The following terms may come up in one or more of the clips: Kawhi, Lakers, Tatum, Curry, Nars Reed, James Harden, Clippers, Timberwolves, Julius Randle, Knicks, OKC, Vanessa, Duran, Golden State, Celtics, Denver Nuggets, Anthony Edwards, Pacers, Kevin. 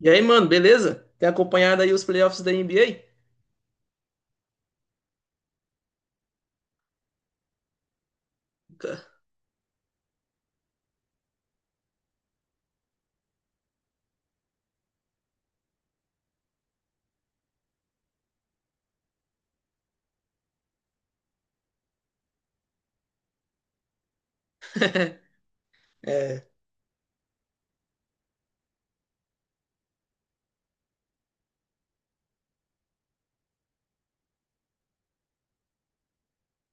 E aí, mano, beleza? Tem acompanhado aí os playoffs da NBA? É,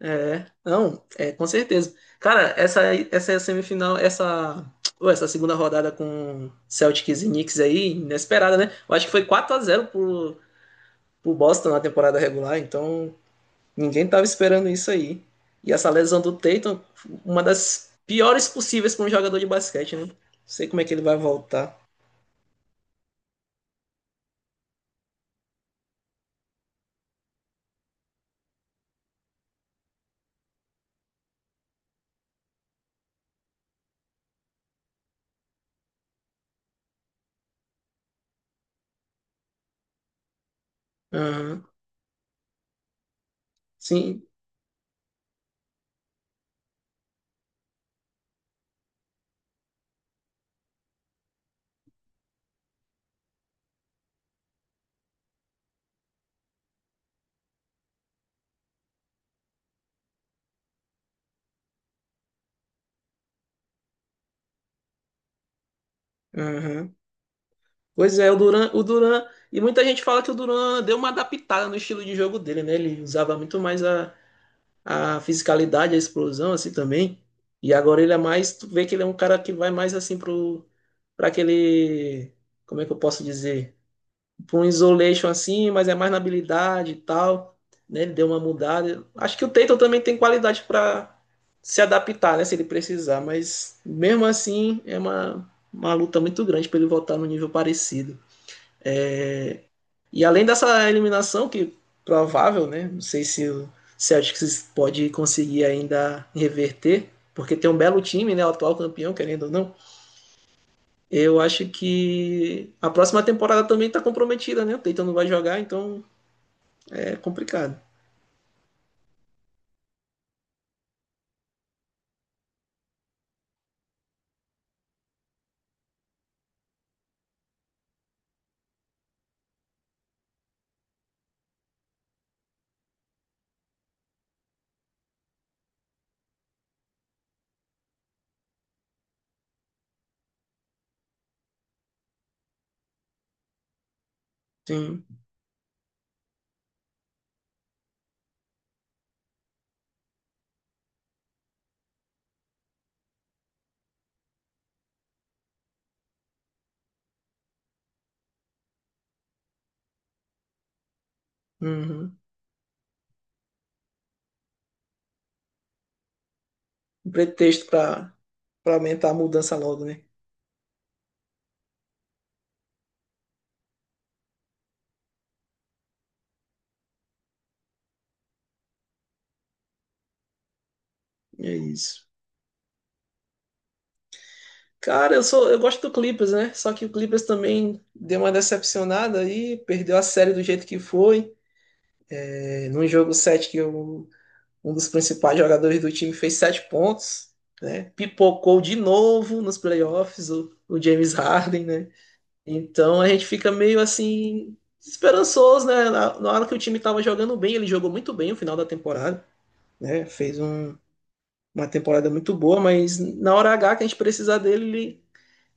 é, não, é, com certeza. Cara, essa semifinal, pô, essa segunda rodada com Celtics e Knicks aí, inesperada, né? Eu acho que foi 4-0 pro Boston na temporada regular, então ninguém tava esperando isso aí. E essa lesão do Tatum, uma das piores possíveis para um jogador de basquete, né? Não sei como é que ele vai voltar. Aham. Sim. Aham. Pois é, e muita gente fala que o Duran deu uma adaptada no estilo de jogo dele, né? Ele usava muito mais a fisicalidade, a explosão, assim também. E agora ele é mais, tu vê que ele é um cara que vai mais assim pra aquele, como é que eu posso dizer? Pra um isolation assim, mas é mais na habilidade e tal, né? Ele deu uma mudada. Acho que o Tatum também tem qualidade pra se adaptar, né? Se ele precisar, mas mesmo assim é uma luta muito grande pra ele voltar no nível parecido. E além dessa eliminação, que provável, né? Não sei se o Celtics pode conseguir ainda reverter, porque tem um belo time, né? O atual campeão, querendo ou não. Eu acho que a próxima temporada também está comprometida, né? O Tatum não vai jogar, então é complicado. Sim. Uhum. Um pretexto para aumentar a mudança logo, né? E é isso. Cara, eu gosto do Clippers, né? Só que o Clippers também deu uma decepcionada aí, perdeu a série do jeito que foi. É, num jogo 7 que eu um dos principais jogadores do time fez sete pontos, né? Pipocou de novo nos playoffs o James Harden, né? Então a gente fica meio assim esperançoso, né? Na hora que o time estava jogando bem, ele jogou muito bem no final da temporada, né? Fez uma temporada muito boa, mas na hora H que a gente precisar dele, ele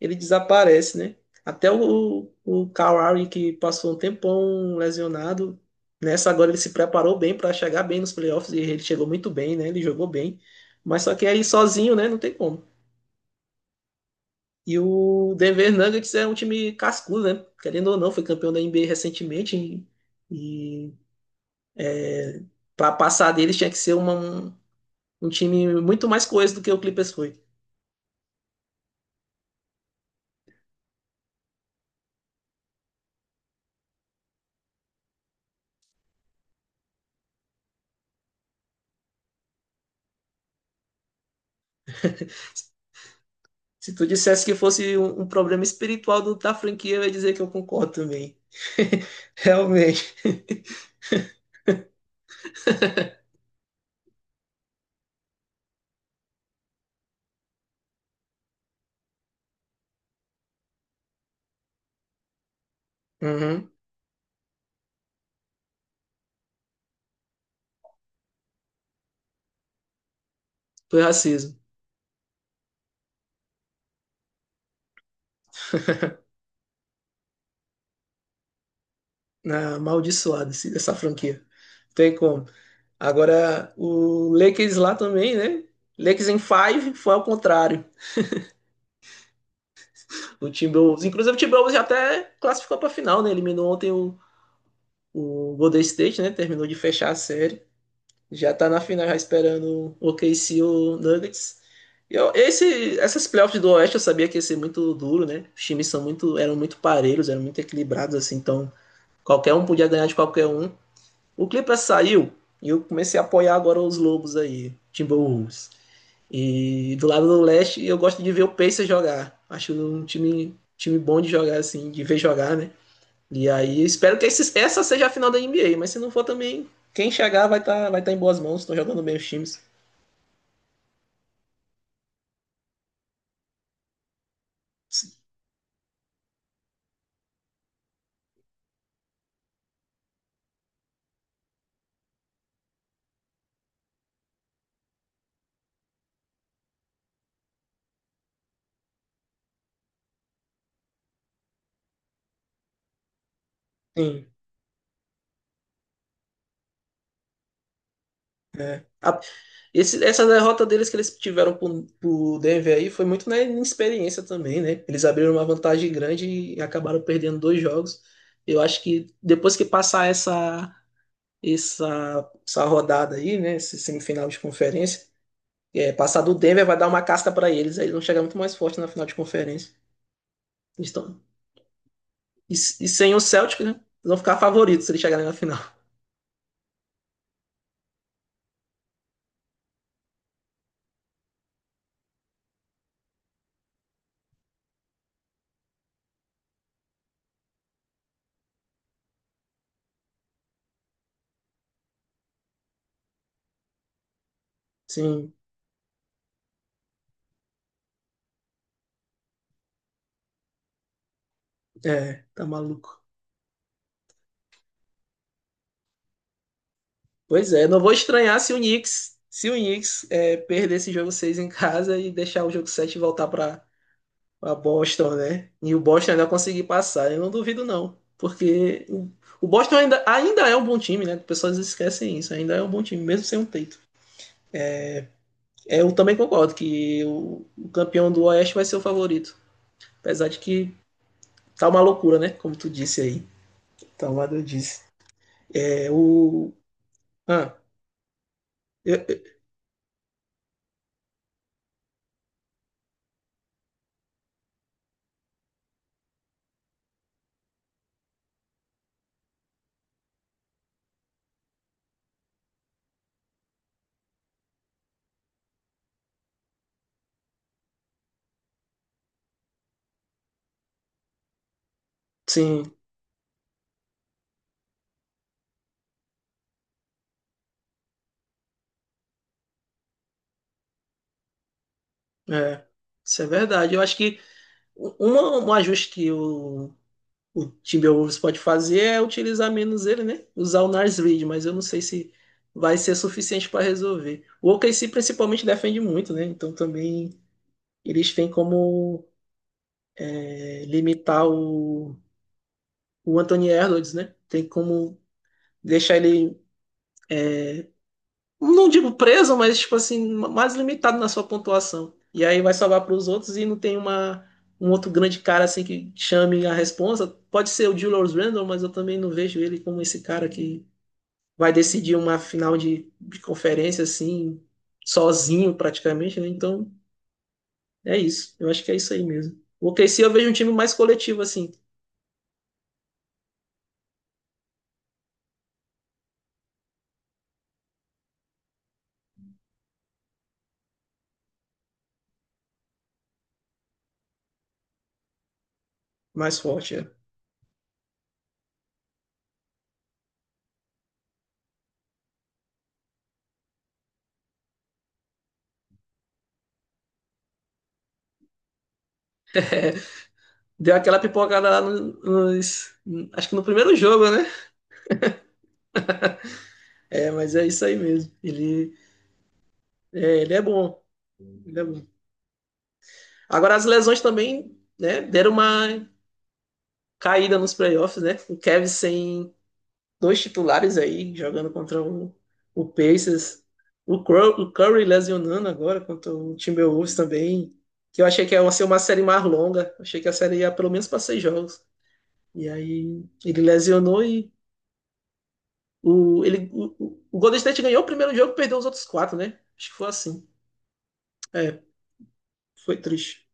ele desaparece, né? Até o Kawhi, que passou um tempão lesionado, nessa agora ele se preparou bem para chegar bem nos playoffs e ele chegou muito bem, né? Ele jogou bem, mas só que aí sozinho, né? Não tem como. E o Denver Nuggets é um time cascudo, né? Querendo ou não, foi campeão da NBA recentemente e para passar deles tinha que ser um time muito mais coeso do que o Clippers foi. Se tu dissesse que fosse um problema espiritual da franquia, eu ia dizer que eu concordo também. Realmente. Uhum. Foi racismo. Ah, amaldiçoado essa franquia. Tem como. Agora, o Lakers lá também, né? Lakers em five foi ao contrário. O Timberwolves, inclusive o Timberwolves já até classificou para final, né? Eliminou ontem o Golden State, né? Terminou de fechar a série. Já tá na final já esperando o OKC ou Nuggets. E essas playoffs do Oeste eu sabia que ia ser muito duro, né? Os times eram muito parelhos, eram muito equilibrados, assim, então qualquer um podia ganhar de qualquer um. O Clippers saiu e eu comecei a apoiar agora os Lobos aí, Timberwolves. E do lado do Leste eu gosto de ver o Pacers jogar. Acho um time bom de jogar, assim, de ver jogar, né? E aí espero que essa seja a final da NBA, mas se não for também, quem chegar vai tá em boas mãos, estão jogando bem os times. Sim, é. Essa derrota deles que eles tiveram pro Denver aí foi muito na inexperiência também, né? Eles abriram uma vantagem grande e acabaram perdendo dois jogos. Eu acho que depois que passar essa rodada aí, né? Esse semifinal de conferência, é, passar do Denver vai dar uma casca para eles, aí eles vão chegar muito mais forte na final de conferência. Eles estão E sem o Celtic, né? Eles vão ficar favoritos se eles chegarem na final. Sim, é, tá maluco. Pois é, não vou estranhar se o Knicks é, perder esse jogo 6 em casa e deixar o jogo 7 voltar para pra Boston, né? E o Boston ainda conseguir passar, eu não duvido não, porque o Boston ainda é um bom time, né? As pessoas esquecem isso, ainda é um bom time, mesmo sem um Tatum. É, Eu também concordo que o campeão do Oeste vai ser o favorito. Apesar de que tá uma loucura, né? Como tu disse aí. Então, lá eu disse. É o. Ah, eu- eu- sim, é. Isso é verdade. Eu acho que um ajuste que o Timberwolves pode fazer é utilizar menos ele, né? Usar o Nars Reed, mas eu não sei se vai ser suficiente para resolver. O OKC principalmente defende muito, né? Então também eles têm como é, limitar o Anthony Edwards, né? Tem como deixar ele, não digo preso, mas tipo assim, mais limitado na sua pontuação. E aí vai salvar para os outros e não tem um outro grande cara assim que chame a responsa. Pode ser o Julius Randle, mas eu também não vejo ele como esse cara que vai decidir uma final de conferência assim, sozinho praticamente, né? Então é isso. Eu acho que é isso aí mesmo. O OKC eu vejo um time mais coletivo assim, mais forte. É. Deu aquela pipocada lá acho que no primeiro jogo, né? É, mas é isso aí mesmo. Ele é bom. Ele é bom. Agora as lesões também, né, deram uma caída nos playoffs, né? O Kevin sem dois titulares aí, jogando contra o Pacers. O Curry lesionando agora contra o Timberwolves também. Que eu achei que ia ser uma série mais longa. Achei que a série ia pelo menos para seis jogos. E aí ele lesionou e o Golden State ganhou o primeiro jogo e perdeu os outros quatro, né? Acho que foi assim. É, foi triste.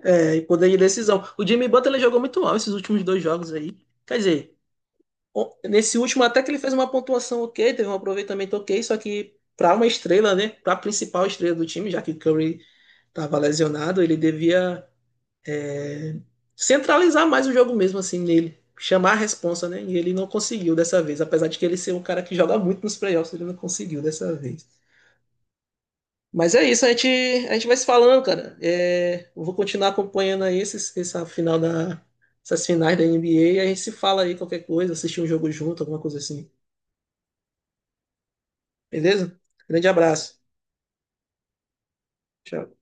É, e poder de decisão. O Jimmy Butler jogou muito mal esses últimos dois jogos aí. Quer dizer, nesse último até que ele fez uma pontuação ok, teve um aproveitamento ok, só que para uma estrela, né, para a principal estrela do time, já que o Curry estava lesionado, ele devia é, centralizar mais o jogo mesmo assim nele, chamar a responsa, né? E ele não conseguiu dessa vez, apesar de que ele ser um cara que joga muito nos playoffs, ele não conseguiu dessa vez. Mas é isso, a gente vai se falando, cara. É, eu vou continuar acompanhando aí esses, essa final da, essas finais da NBA e a gente se fala aí qualquer coisa, assistir um jogo junto, alguma coisa assim. Beleza? Grande abraço. Tchau.